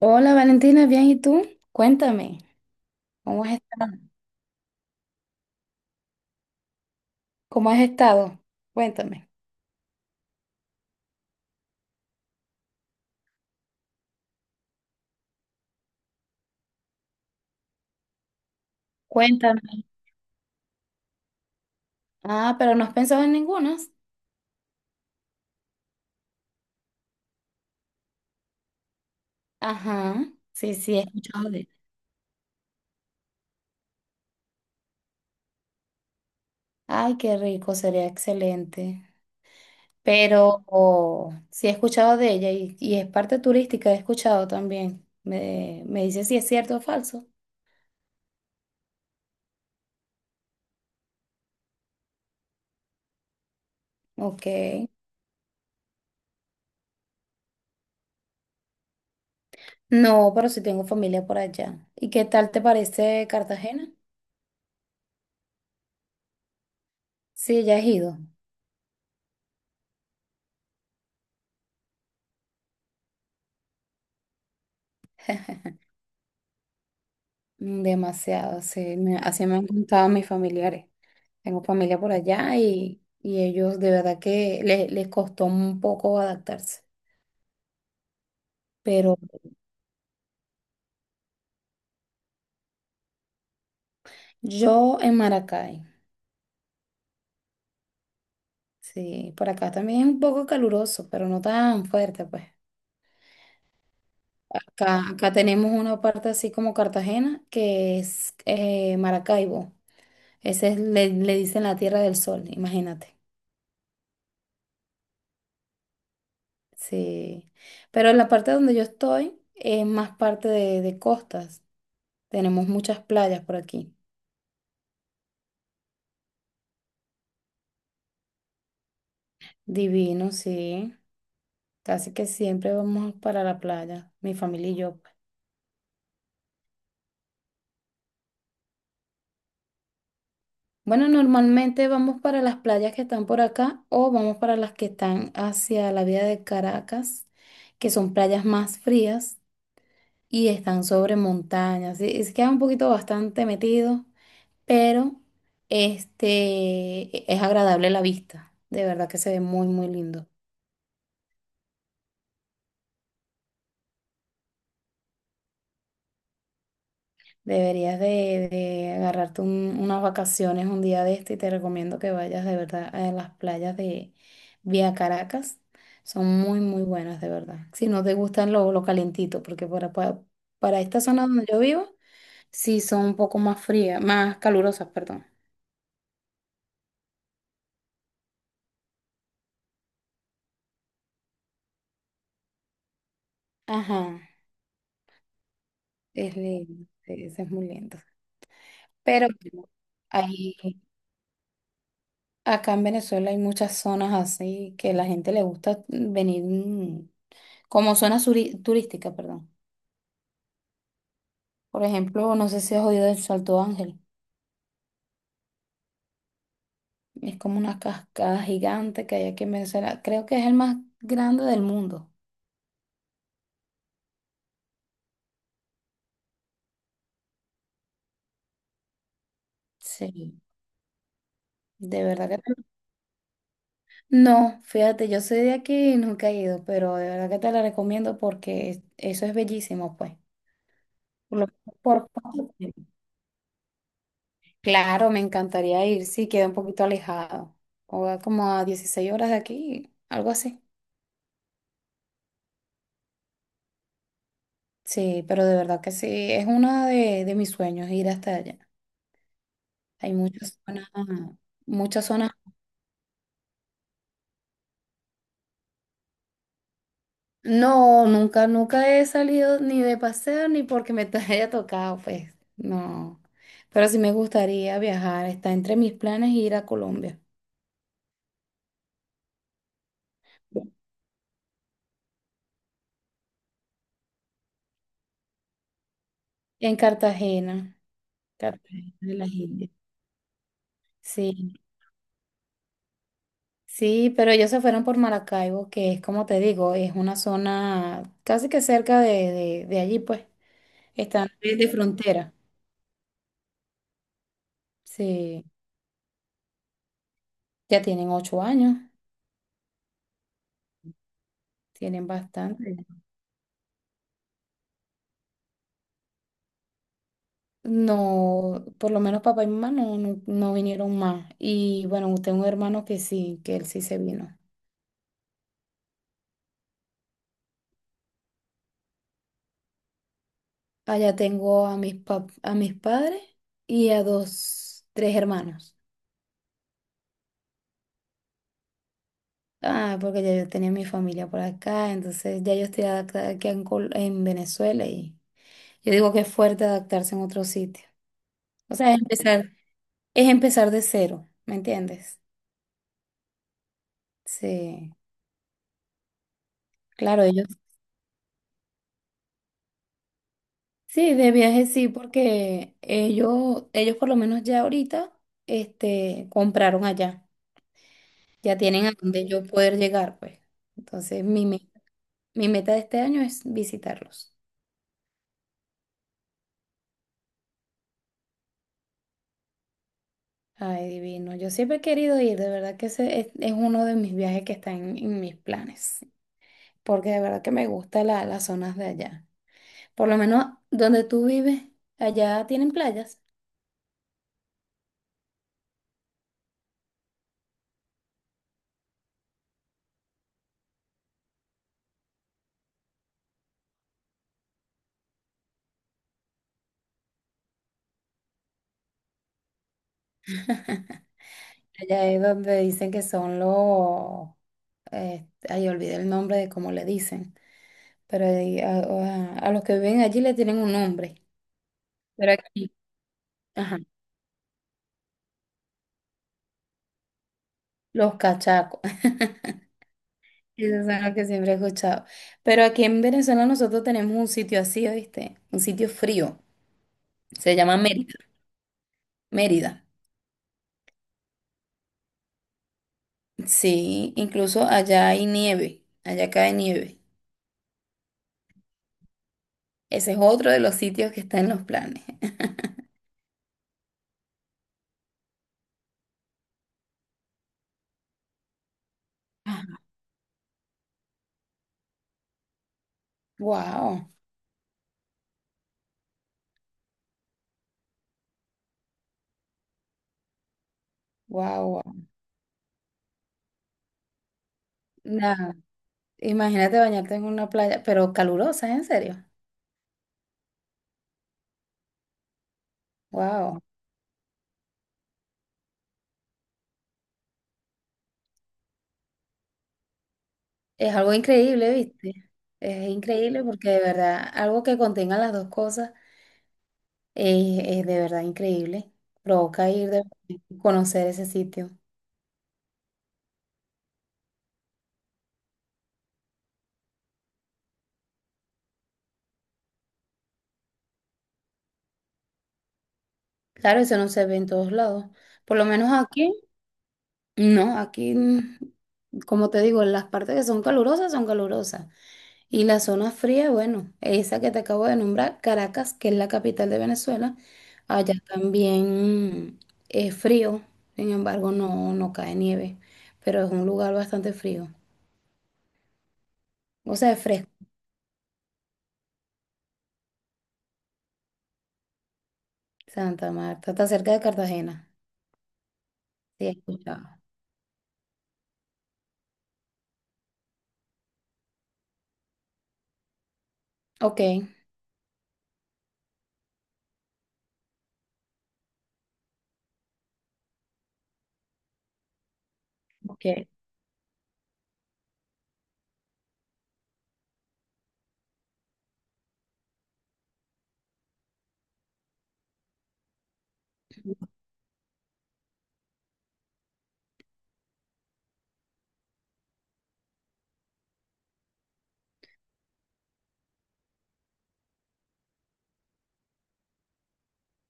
Hola Valentina, bien, ¿y tú? Cuéntame, ¿cómo has estado? ¿Cómo has estado? Cuéntame. Cuéntame. Ah, pero no has pensado en ninguna. Ajá, sí, sí, he escuchado de. Ay, qué rico, sería excelente. Pero oh, sí he escuchado de ella y es parte turística, he escuchado también. Me dice si es cierto o falso. Ok. No, pero sí tengo familia por allá. ¿Y qué tal te parece Cartagena? Sí, ya has ido. Mm, demasiado, sí. Así me han contado mis familiares. Tengo familia por allá y ellos de verdad que les costó un poco adaptarse. Pero yo en Maracay, sí, por acá también es un poco caluroso, pero no tan fuerte, pues. Acá tenemos una parte así como Cartagena, que es Maracaibo. Ese es, le dicen la Tierra del Sol, imagínate. Sí. Pero la parte donde yo estoy es más parte de costas. Tenemos muchas playas por aquí. Divino, sí. Casi que siempre vamos para la playa, mi familia y yo, pues. Bueno, normalmente vamos para las playas que están por acá o vamos para las que están hacia la vía de Caracas, que son playas más frías y están sobre montañas. Sí, se queda un poquito bastante metido, pero este es agradable la vista. De verdad que se ve muy, muy lindo. Deberías de agarrarte unas vacaciones un día de este y te recomiendo que vayas de verdad a las playas de Vía Caracas. Son muy, muy buenas, de verdad. Si no te gustan lo calentito, porque para esta zona donde yo vivo, sí son un poco más frías, más calurosas, perdón. Ajá, es lindo, sí, sí, es muy lindo. Pero bueno, ahí, acá en Venezuela hay muchas zonas así que la gente le gusta venir como zona turística, perdón. Por ejemplo, no sé si has oído del Salto Ángel. Es como una cascada gigante que hay aquí en Venezuela. Creo que es el más grande del mundo. Sí, de verdad que no. No, fíjate, yo soy de aquí y nunca he ido, pero de verdad que te la recomiendo porque eso es bellísimo, pues. Por lo- por cuánto tiempo. Claro, me encantaría ir, sí, queda un poquito alejado. O a como a 16 horas de aquí, algo así. Sí, pero de verdad que sí, es uno de mis sueños ir hasta allá. Hay muchas zonas, muchas zonas. No, nunca, nunca he salido ni de paseo ni porque me te haya tocado, pues, no. Pero sí me gustaría viajar, está entre mis planes ir a Colombia. En Cartagena, Cartagena de las Indias. Sí, sí, pero ellos se fueron por Maracaibo, que es como te digo, es una zona casi que cerca de allí, pues. Están de frontera. Sí, ya tienen 8 años, tienen bastante. No, por lo menos papá y mamá no, no, no vinieron más. Y bueno, tengo un hermano que sí, que él sí se vino. Allá tengo a a mis padres y a dos, tres hermanos. Ah, porque ya yo tenía mi familia por acá, entonces ya yo estoy adaptada aquí en Venezuela y yo digo que es fuerte adaptarse en otro sitio. O sea, es empezar de cero, ¿me entiendes? Sí, claro, ellos. Sí, de viaje sí, porque ellos por lo menos ya ahorita, compraron allá. Ya tienen a dónde yo poder llegar, pues. Entonces, mi meta de este año es visitarlos. Ay, divino. Yo siempre he querido ir, de verdad que ese es uno de mis viajes que está en mis planes, porque de verdad que me gustan las zonas de allá. Por lo menos donde tú vives, allá tienen playas. Allá es donde dicen que son los, ay, olvidé el nombre de cómo le dicen, pero ahí a los que viven allí le tienen un nombre, pero aquí, ajá, los cachacos, esos son los que siempre he escuchado. Pero aquí en Venezuela nosotros tenemos un sitio así, ¿oíste? Un sitio frío, se llama Mérida. Mérida. Sí, incluso allá hay nieve, allá cae nieve. Ese es otro de los sitios que está en los planes. Wow, wow, wow. Imagínate bañarte en una playa, pero calurosa, en serio. Wow. Es algo increíble, ¿viste? Es increíble porque de verdad, algo que contenga las dos cosas es de verdad increíble. Provoca ir de conocer ese sitio. Claro, eso no se ve en todos lados. Por lo menos aquí, no, aquí, como te digo, las partes que son calurosas son calurosas. Y la zona fría, bueno, esa que te acabo de nombrar, Caracas, que es la capital de Venezuela, allá también es frío, sin embargo no, no cae nieve, pero es un lugar bastante frío. O sea, es fresco. Santa Marta, está cerca de Cartagena. Sí, he escuchado. Ok, ok.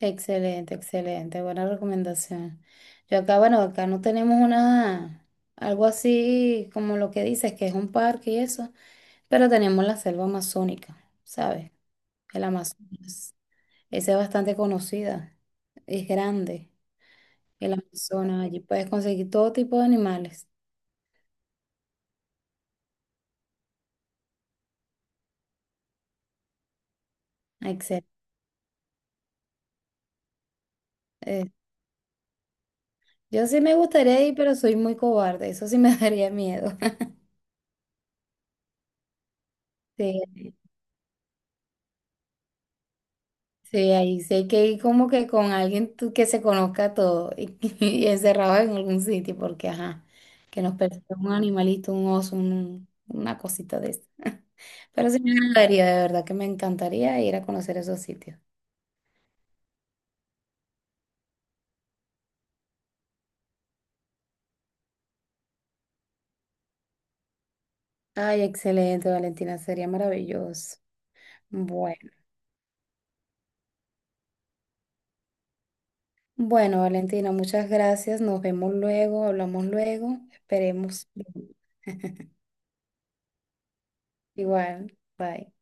Excelente, excelente, buena recomendación. Yo acá, bueno, acá no tenemos una, algo así como lo que dices, que es un parque y eso, pero tenemos la selva amazónica, ¿sabes? El Amazonas. Esa es bastante conocida. Es grande. El Amazonas. Allí puedes conseguir todo tipo de animales. Excelente. Eh, yo sí me gustaría ir, pero soy muy cobarde. Eso sí me daría miedo. Sí, sí, ahí sí hay que ir como que con alguien que se conozca todo y, y encerrado en algún sitio, porque ajá, que nos persiga un animalito, un oso, una cosita de eso. Pero sí me encantaría, de verdad que me encantaría ir a conocer esos sitios. Ay, excelente, Valentina, sería maravilloso. Bueno, bueno, Valentina, muchas gracias. Nos vemos luego, hablamos luego. Esperemos. Igual, bye.